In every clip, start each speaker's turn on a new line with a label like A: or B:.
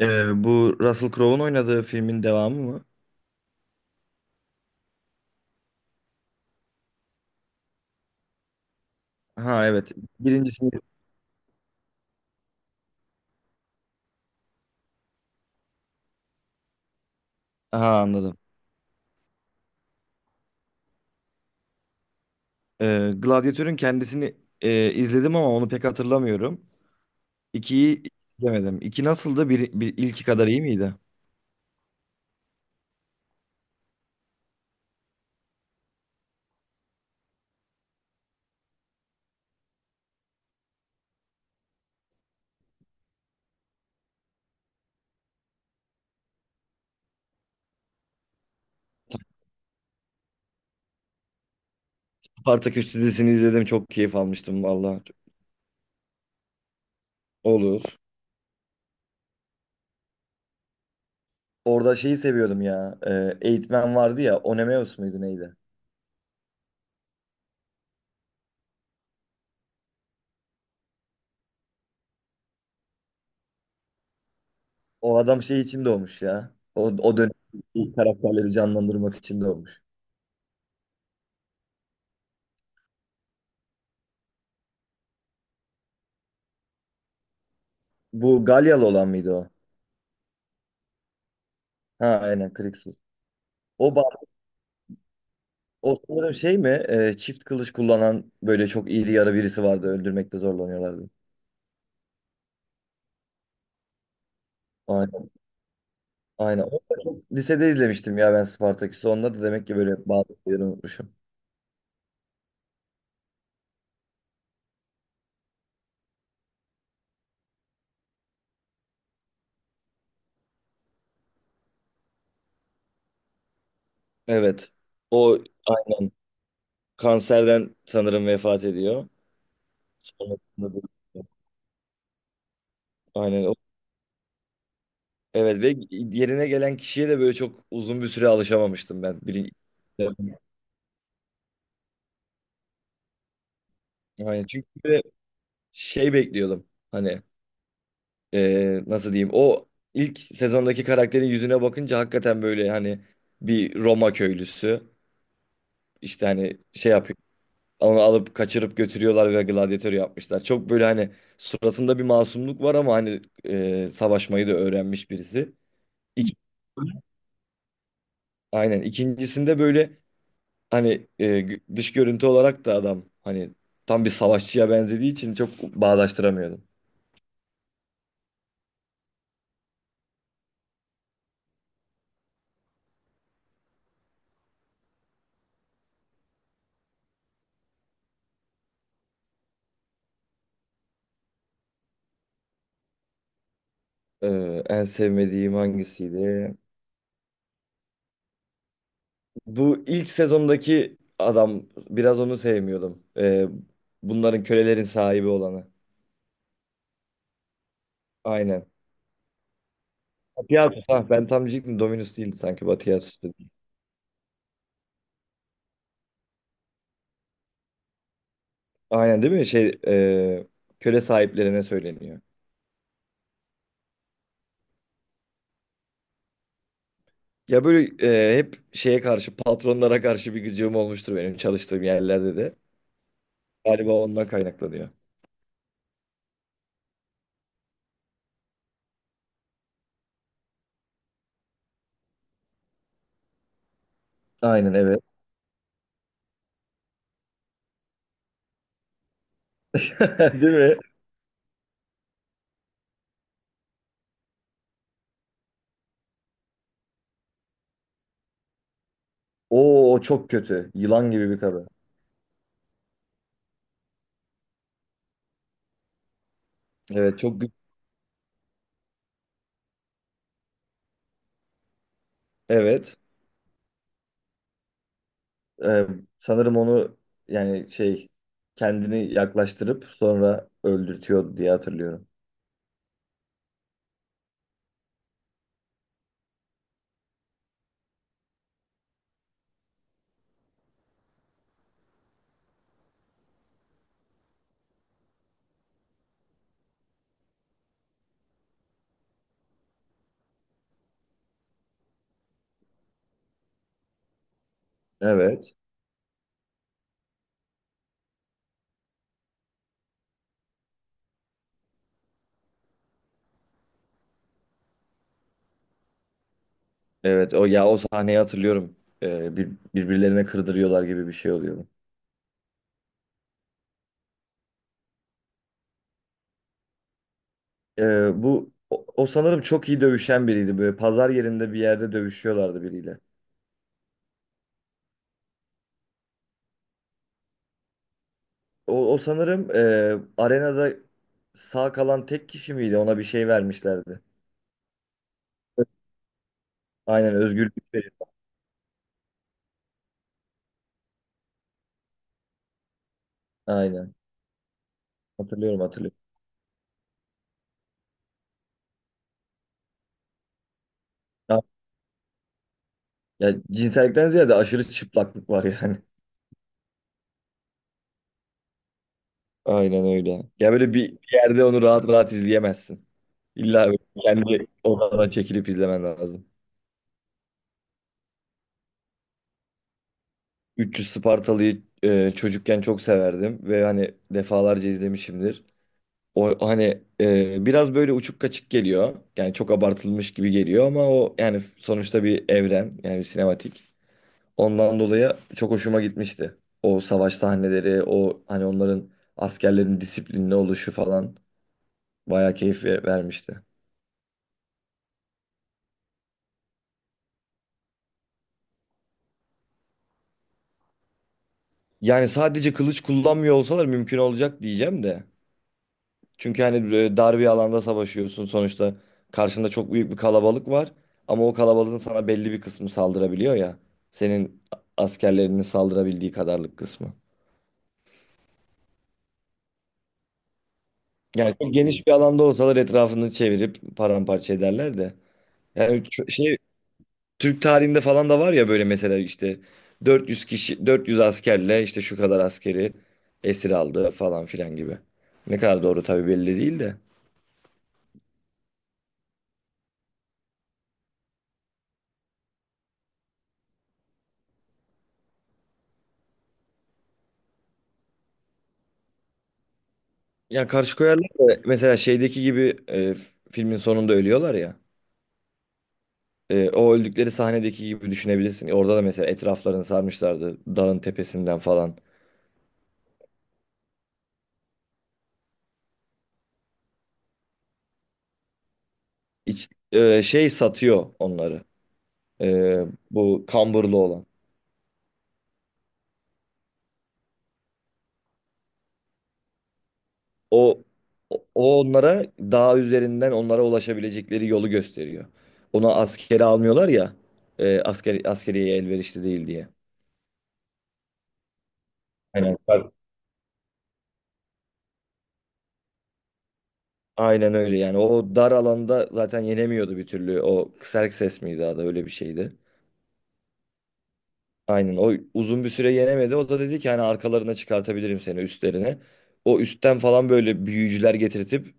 A: Bu Russell Crowe'un oynadığı filmin devamı mı? Ha, evet. Birincisi. Ha, anladım. Gladiatör'ün kendisini izledim ama onu pek hatırlamıyorum. İkiyi izlemedim. İki nasıldı? İlki kadar iyi miydi? Spartaküs dizisini izledim. Çok keyif almıştım valla. Olur. Orada şeyi seviyordum ya. Eğitmen vardı ya. Onemeus muydu, neydi? O adam şey için doğmuş ya. O dönem ilk karakterleri canlandırmak için doğmuş. Bu Galyalı olan mıydı o? Ha, aynen, Krixus. O, ba- O sanırım şey mi? Çift kılıç kullanan böyle çok iri yarı birisi vardı. Öldürmekte zorlanıyorlardı. Aynen. Aynen. Onu da çok lisede izlemiştim ya ben Spartaküs'ü. Onda da demek ki böyle bazı şeyleri unutmuşum. Evet. O aynen kanserden sanırım vefat ediyor. Sonrasında bu- Aynen. Evet ve yerine gelen kişiye de böyle çok uzun bir süre alışamamıştım ben. Yani çünkü böyle şey bekliyordum. Hani nasıl diyeyim? O ilk sezondaki karakterin yüzüne bakınca hakikaten böyle hani bir Roma köylüsü, işte hani şey yapıyor. Onu alıp kaçırıp götürüyorlar ve gladyatör yapmışlar. Çok böyle hani suratında bir masumluk var ama hani savaşmayı da öğrenmiş birisi. İk- Aynen. İkincisinde böyle hani dış görüntü olarak da adam hani tam bir savaşçıya benzediği için çok bağdaştıramıyordum. En sevmediğim hangisiydi? Bu ilk sezondaki adam, biraz onu sevmiyordum. Bunların, kölelerin sahibi olanı. Aynen. Batiatus, ha, ben tam diyecektim Dominus değildi sanki, Batiatus dedi. Aynen değil mi? Şey, köle sahiplerine söyleniyor. Ya böyle hep şeye karşı, patronlara karşı bir gıcığım olmuştur benim çalıştığım yerlerde de. Galiba ondan kaynaklanıyor. Aynen, evet. Değil mi? Oo, o çok kötü. Yılan gibi bir kadın. Evet, evet. Ee, Sanırım onu, yani şey, kendini yaklaştırıp sonra öldürtüyor diye hatırlıyorum. Evet. Evet, o ya, o sahneyi hatırlıyorum. Ee, bir, Birbirlerine kırdırıyorlar gibi bir şey oluyor. Bu o sanırım çok iyi dövüşen biriydi. Böyle pazar yerinde bir yerde dövüşüyorlardı biriyle. O sanırım arenada sağ kalan tek kişi miydi? Ona bir şey vermişlerdi. Aynen, özgürlük verir. Aynen. Hatırlıyorum, hatırlıyorum. Ya, ya cinsellikten ziyade aşırı çıplaklık var yani. Aynen öyle. Ya böyle bir yerde onu rahat rahat izleyemezsin. İlla böyle kendi odana çekilip izlemen lazım. 300 Spartalı'yı çocukken çok severdim ve hani defalarca izlemişimdir. O hani biraz böyle uçuk kaçık geliyor. Yani çok abartılmış gibi geliyor ama o yani sonuçta bir evren, yani bir sinematik. Ondan dolayı çok hoşuma gitmişti. O savaş sahneleri, o hani onların, askerlerin disiplinli oluşu falan bayağı keyif vermişti. Yani sadece kılıç kullanmıyor olsalar mümkün olacak diyeceğim de. Çünkü hani böyle dar bir alanda savaşıyorsun sonuçta, karşında çok büyük bir kalabalık var ama o kalabalığın sana belli bir kısmı saldırabiliyor ya. Senin askerlerinin saldırabildiği kadarlık kısmı. Yani çok geniş bir alanda olsalar etrafını çevirip paramparça ederler de. Şey, Türk tarihinde falan da var ya böyle, mesela işte 400 kişi 400 askerle işte şu kadar askeri esir aldı falan filan gibi. Ne kadar doğru tabii belli değil de. Ya karşı koyarlar da mesela şeydeki gibi, filmin sonunda ölüyorlar ya. O öldükleri sahnedeki gibi düşünebilirsin. Orada da mesela etraflarını sarmışlardı dağın tepesinden falan. Şey satıyor onları. E, Bu kamburlu olan. O, o onlara dağ üzerinden onlara ulaşabilecekleri yolu gösteriyor. Ona askeri almıyorlar ya. Askeriye elverişli değil diye. Aynen. Tabii. Aynen öyle yani. O dar alanda zaten yenemiyordu bir türlü. O Xerxes miydi adı, öyle bir şeydi. Aynen, o uzun bir süre yenemedi. O da dedi ki hani arkalarına çıkartabilirim seni, üstlerine. O üstten falan böyle büyücüler getirtip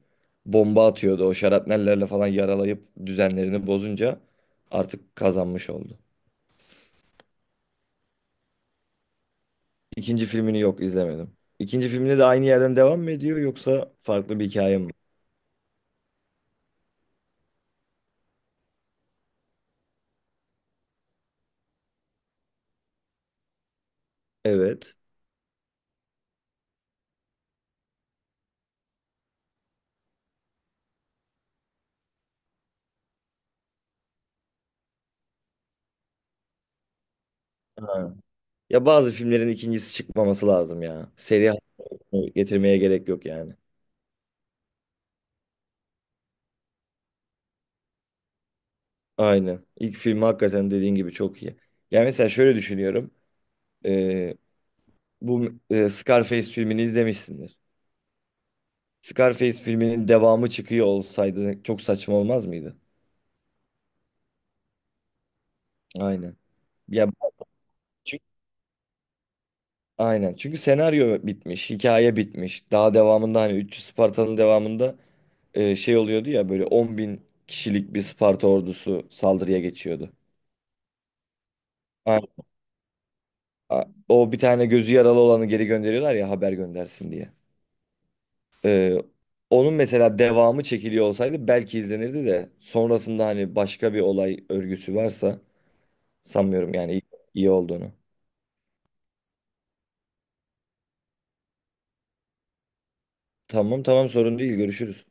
A: bomba atıyordu. O şarapnellerle falan yaralayıp düzenlerini bozunca artık kazanmış oldu. İkinci filmini, yok, izlemedim. İkinci filminde de aynı yerden devam mı ediyor yoksa farklı bir hikaye mi? Evet. Ha. Ya bazı filmlerin ikincisi çıkmaması lazım ya. Seri haline getirmeye gerek yok yani. Aynen. İlk film hakikaten dediğin gibi çok iyi. Yani mesela şöyle düşünüyorum. Ee, Bu Scarface filmini izlemişsindir. Scarface filminin devamı çıkıyor olsaydı çok saçma olmaz mıydı? Aynen. Ya çünkü, aynen. Çünkü senaryo bitmiş, hikaye bitmiş. Daha devamında hani, 300 Spartalı'nın devamında şey oluyordu ya, böyle 10 bin kişilik bir Sparta ordusu saldırıya geçiyordu. A- O bir tane gözü yaralı olanı geri gönderiyorlar ya haber göndersin diye. Ee, Onun mesela devamı çekiliyor olsaydı belki izlenirdi de sonrasında hani başka bir olay örgüsü varsa sanmıyorum yani iyi olduğunu. Tamam, tamam, sorun değil, görüşürüz.